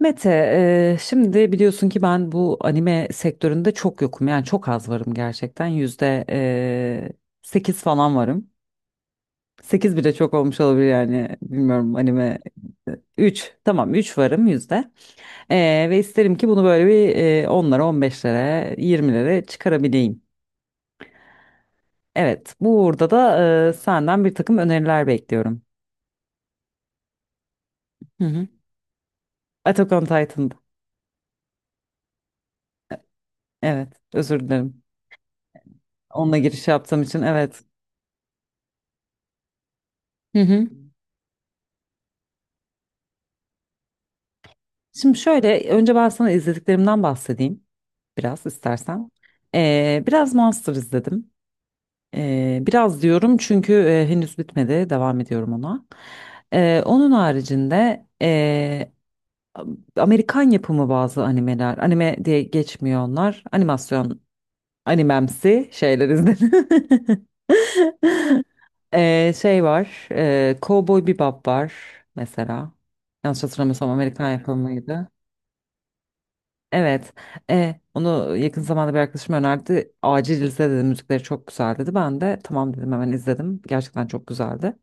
Mete, şimdi biliyorsun ki ben bu anime sektöründe çok yokum. Yani çok az varım gerçekten. Yüzde 8 falan varım. 8 bile çok olmuş olabilir yani. Bilmiyorum anime üç. Tamam, 3 varım yüzde. Ve isterim ki bunu böyle bir onlara, 15'lere 20'lere çıkarabileyim. Evet, burada da senden bir takım öneriler bekliyorum. Hı hı. Attack on Titan'da. Evet, özür dilerim. Onunla giriş yaptığım için evet. Hı hı. Şimdi şöyle önce ben sana izlediklerimden bahsedeyim biraz istersen. Biraz Monster izledim. Biraz diyorum çünkü henüz bitmedi, devam ediyorum ona. Onun haricinde Amerikan yapımı bazı animeler, anime diye geçmiyor onlar, animasyon animemsi şeyler izledim. Şey var, Cowboy Bebop var mesela, yanlış hatırlamıyorsam Amerikan yapımıydı. Evet. Onu yakın zamanda bir arkadaşım önerdi. Acil izle dedi. Müzikleri çok güzel dedi. Ben de tamam dedim, hemen izledim. Gerçekten çok güzeldi.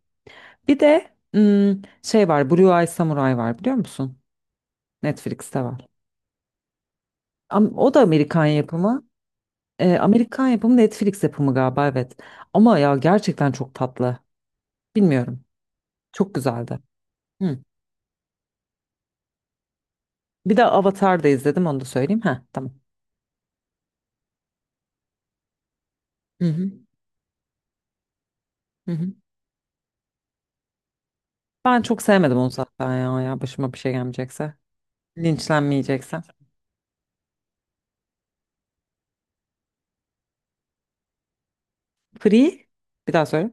Bir de hmm, şey var. Blue Eye Samurai var, biliyor musun? Netflix'te var. O da Amerikan yapımı. Amerikan yapımı, Netflix yapımı galiba, evet. Ama ya gerçekten çok tatlı. Bilmiyorum. Çok güzeldi. Hı. Bir de Avatar da izledim, onu da söyleyeyim. Ha tamam. Hı hı. Hı hı. Ben çok sevmedim onu zaten ya. Ya başıma bir şey gelmeyecekse. Linçlenmeyecekse. Free. Bir daha söyle.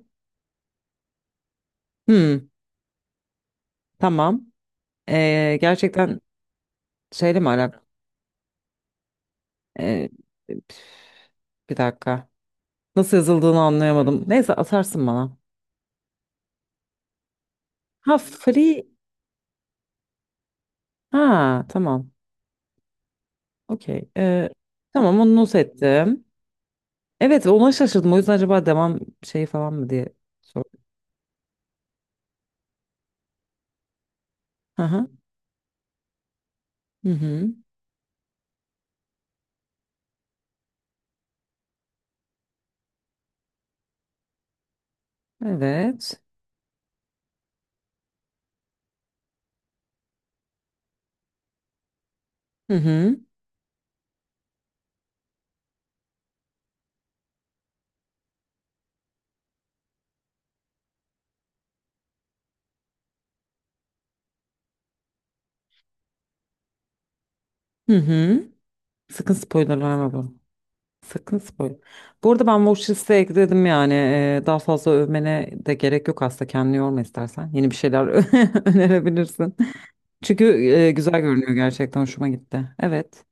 Hmm, tamam. Gerçekten şeyle mi alakalı? Ee, Bir dakika. Nasıl yazıldığını anlayamadım. Neyse, atarsın bana. Ha free. Ha tamam. Okey. Tamam, onu not ettim. Evet, ona şaşırdım. O yüzden acaba devam şeyi falan mı diye sordum. Aha. Hı hı. Evet. Hı hı. Hı hı. Sakın spoiler verme bana. Sakın spoil. Bu arada ben watch listeye ekledim yani. Daha fazla övmene de gerek yok aslında. Kendini yorma istersen. Yeni bir şeyler önerebilirsin. Çünkü güzel görünüyor gerçekten. Hoşuma gitti. Evet.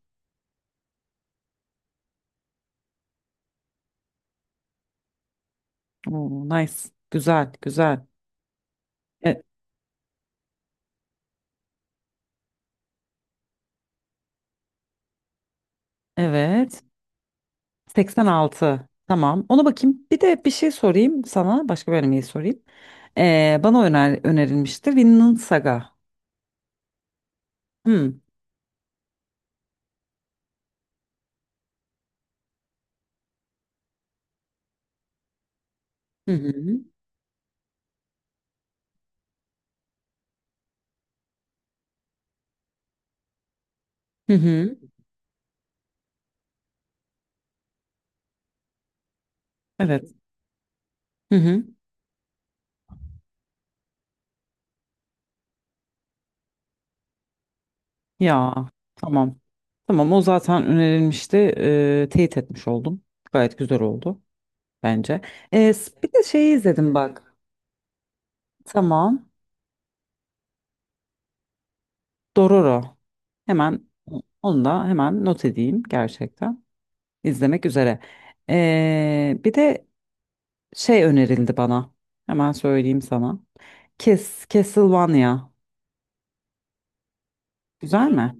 Oo, nice. Güzel, güzel. E, evet. 86. Tamam. Ona bakayım. Bir de bir şey sorayım sana. Başka bir animeyi sorayım. Bana önerilmişti. Vinland Saga. Hmm. Hı hı. Hı hı. Evet. Hı hı. Ya. Tamam. Tamam, o zaten önerilmişti. Teyit etmiş oldum. Gayet güzel oldu bence. Ee, Bir de şeyi izledim bak. Tamam. Dororo. Hemen onu da not edeyim gerçekten. İzlemek üzere. Bir de şey önerildi bana. Hemen söyleyeyim sana. Kes, Castlevania. Güzel mi?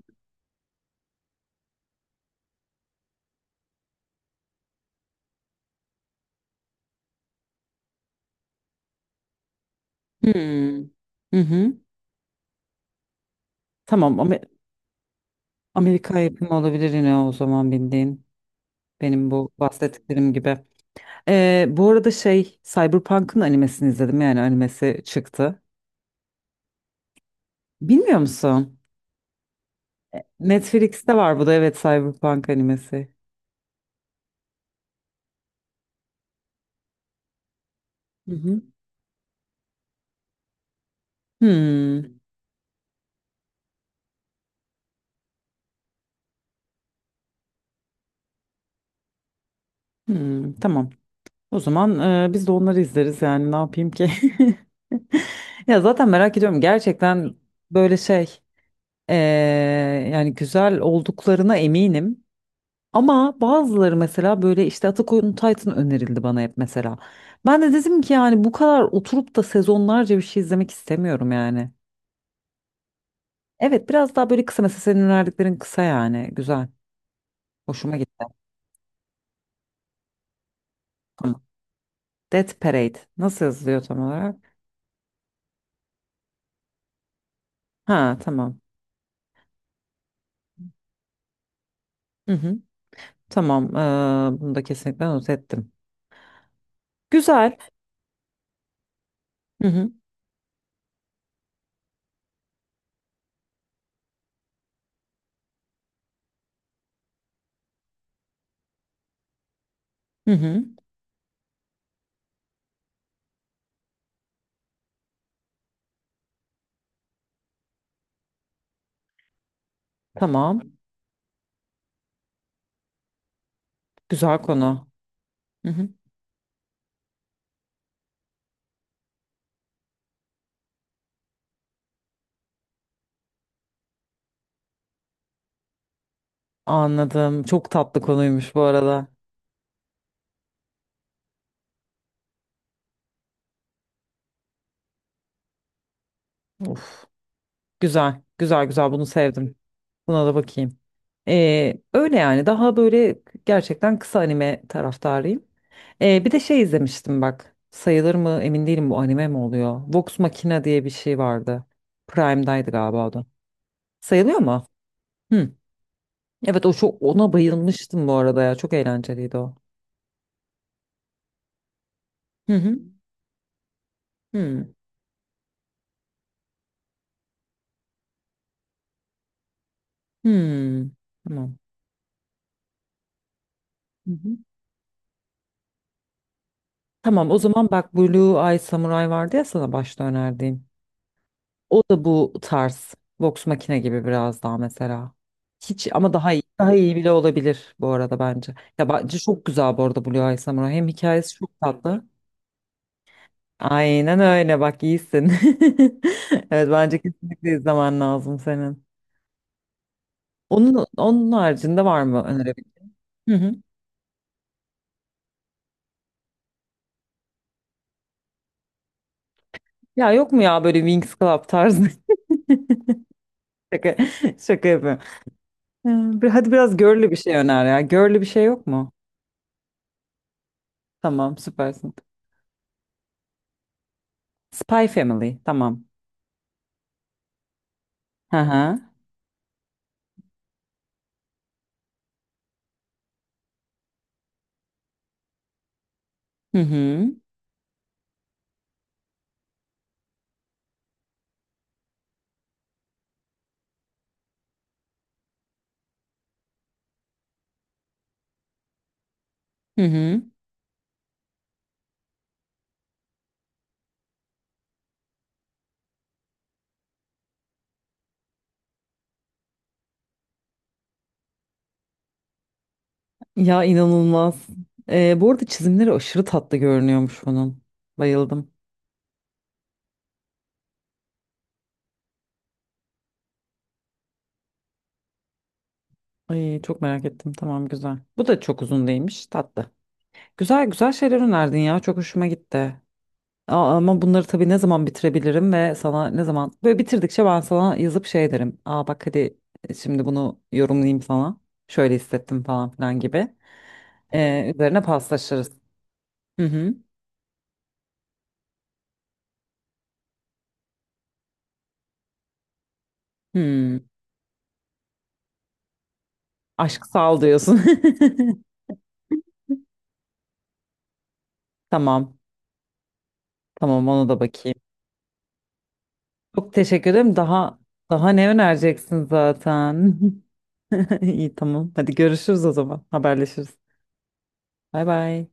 Hmm. Hı hı. Tamam. Amerika yapımı olabilir yine o zaman, bildiğin. Benim bu bahsettiklerim gibi. Bu arada şey, Cyberpunk'ın animesini izledim, yani animesi çıktı. Bilmiyor musun? Netflix'te var bu da, evet, Cyberpunk animesi. Hı hı. Hmm, hmm, tamam. O zaman biz de onları izleriz yani, ne yapayım ki? Ya zaten merak ediyorum gerçekten böyle şey, e, yani güzel olduklarına eminim. Ama bazıları mesela böyle işte Attack on Titan önerildi bana hep mesela. Ben de dedim ki yani bu kadar oturup da sezonlarca bir şey izlemek istemiyorum yani. Evet, biraz daha böyle kısa, mesela senin önerdiklerin kısa, yani güzel. Hoşuma gitti. Tamam. Death Parade nasıl yazılıyor tam olarak? Ha tamam. Hı hı. Tamam, bunu da kesinlikle not ettim. Güzel. Hı hı. Hı hı. Tamam. Güzel konu. Hı hı. Anladım. Çok tatlı konuymuş bu arada. Of. Güzel. Güzel güzel, bunu sevdim. Buna da bakayım. Öyle yani, daha böyle gerçekten kısa anime taraftarıyım. Bir de şey izlemiştim bak. Sayılır mı emin değilim, bu anime mi oluyor? Vox Machina diye bir şey vardı. Prime'daydı galiba o da. Sayılıyor mu? Hı. Evet, o çok, ona bayılmıştım bu arada ya. Çok eğlenceliydi o. Hı hı. Hı. Hı. Tamam. Hı hı. Tamam, o zaman bak, Blue Eye Samurai vardı ya sana başta önerdiğim. O da bu tarz. Vox Machina gibi biraz daha mesela. Hiç, ama daha iyi. Daha iyi bile olabilir bu arada bence. Ya bence çok güzel bu arada Blue Eye Samurai. Hem hikayesi çok tatlı. Aynen öyle, bak iyisin. Evet, bence kesinlikle izlemen lazım senin. Onun haricinde var mı önerebileceğin? Hı hı. Ya yok mu ya böyle wings Club tarzı? Şaka, şaka yapıyorum. Hadi biraz girly bir şey öner ya. Girly bir şey yok mu? Tamam, süpersin. Spy Family, tamam. Hı hı. Hı hı. Hı hı. Ya inanılmaz. Bu arada çizimleri aşırı tatlı görünüyormuş onun. Bayıldım. Ay, çok merak ettim. Tamam, güzel. Bu da çok uzun değilmiş. Tatlı. Güzel güzel şeyler önerdin ya. Çok hoşuma gitti. Aa, ama bunları tabii ne zaman bitirebilirim ve sana ne zaman böyle bitirdikçe ben sana yazıp şey derim. Aa bak, hadi şimdi bunu yorumlayayım sana. Şöyle hissettim falan filan gibi. Üzerine paslaşırız. Hı hı. Hmm. Aşk sal diyorsun. Tamam. Tamam, ona da bakayım. Çok teşekkür ederim. Daha ne önereceksin zaten? İyi, tamam. Hadi görüşürüz o zaman. Haberleşiriz. Bay bay.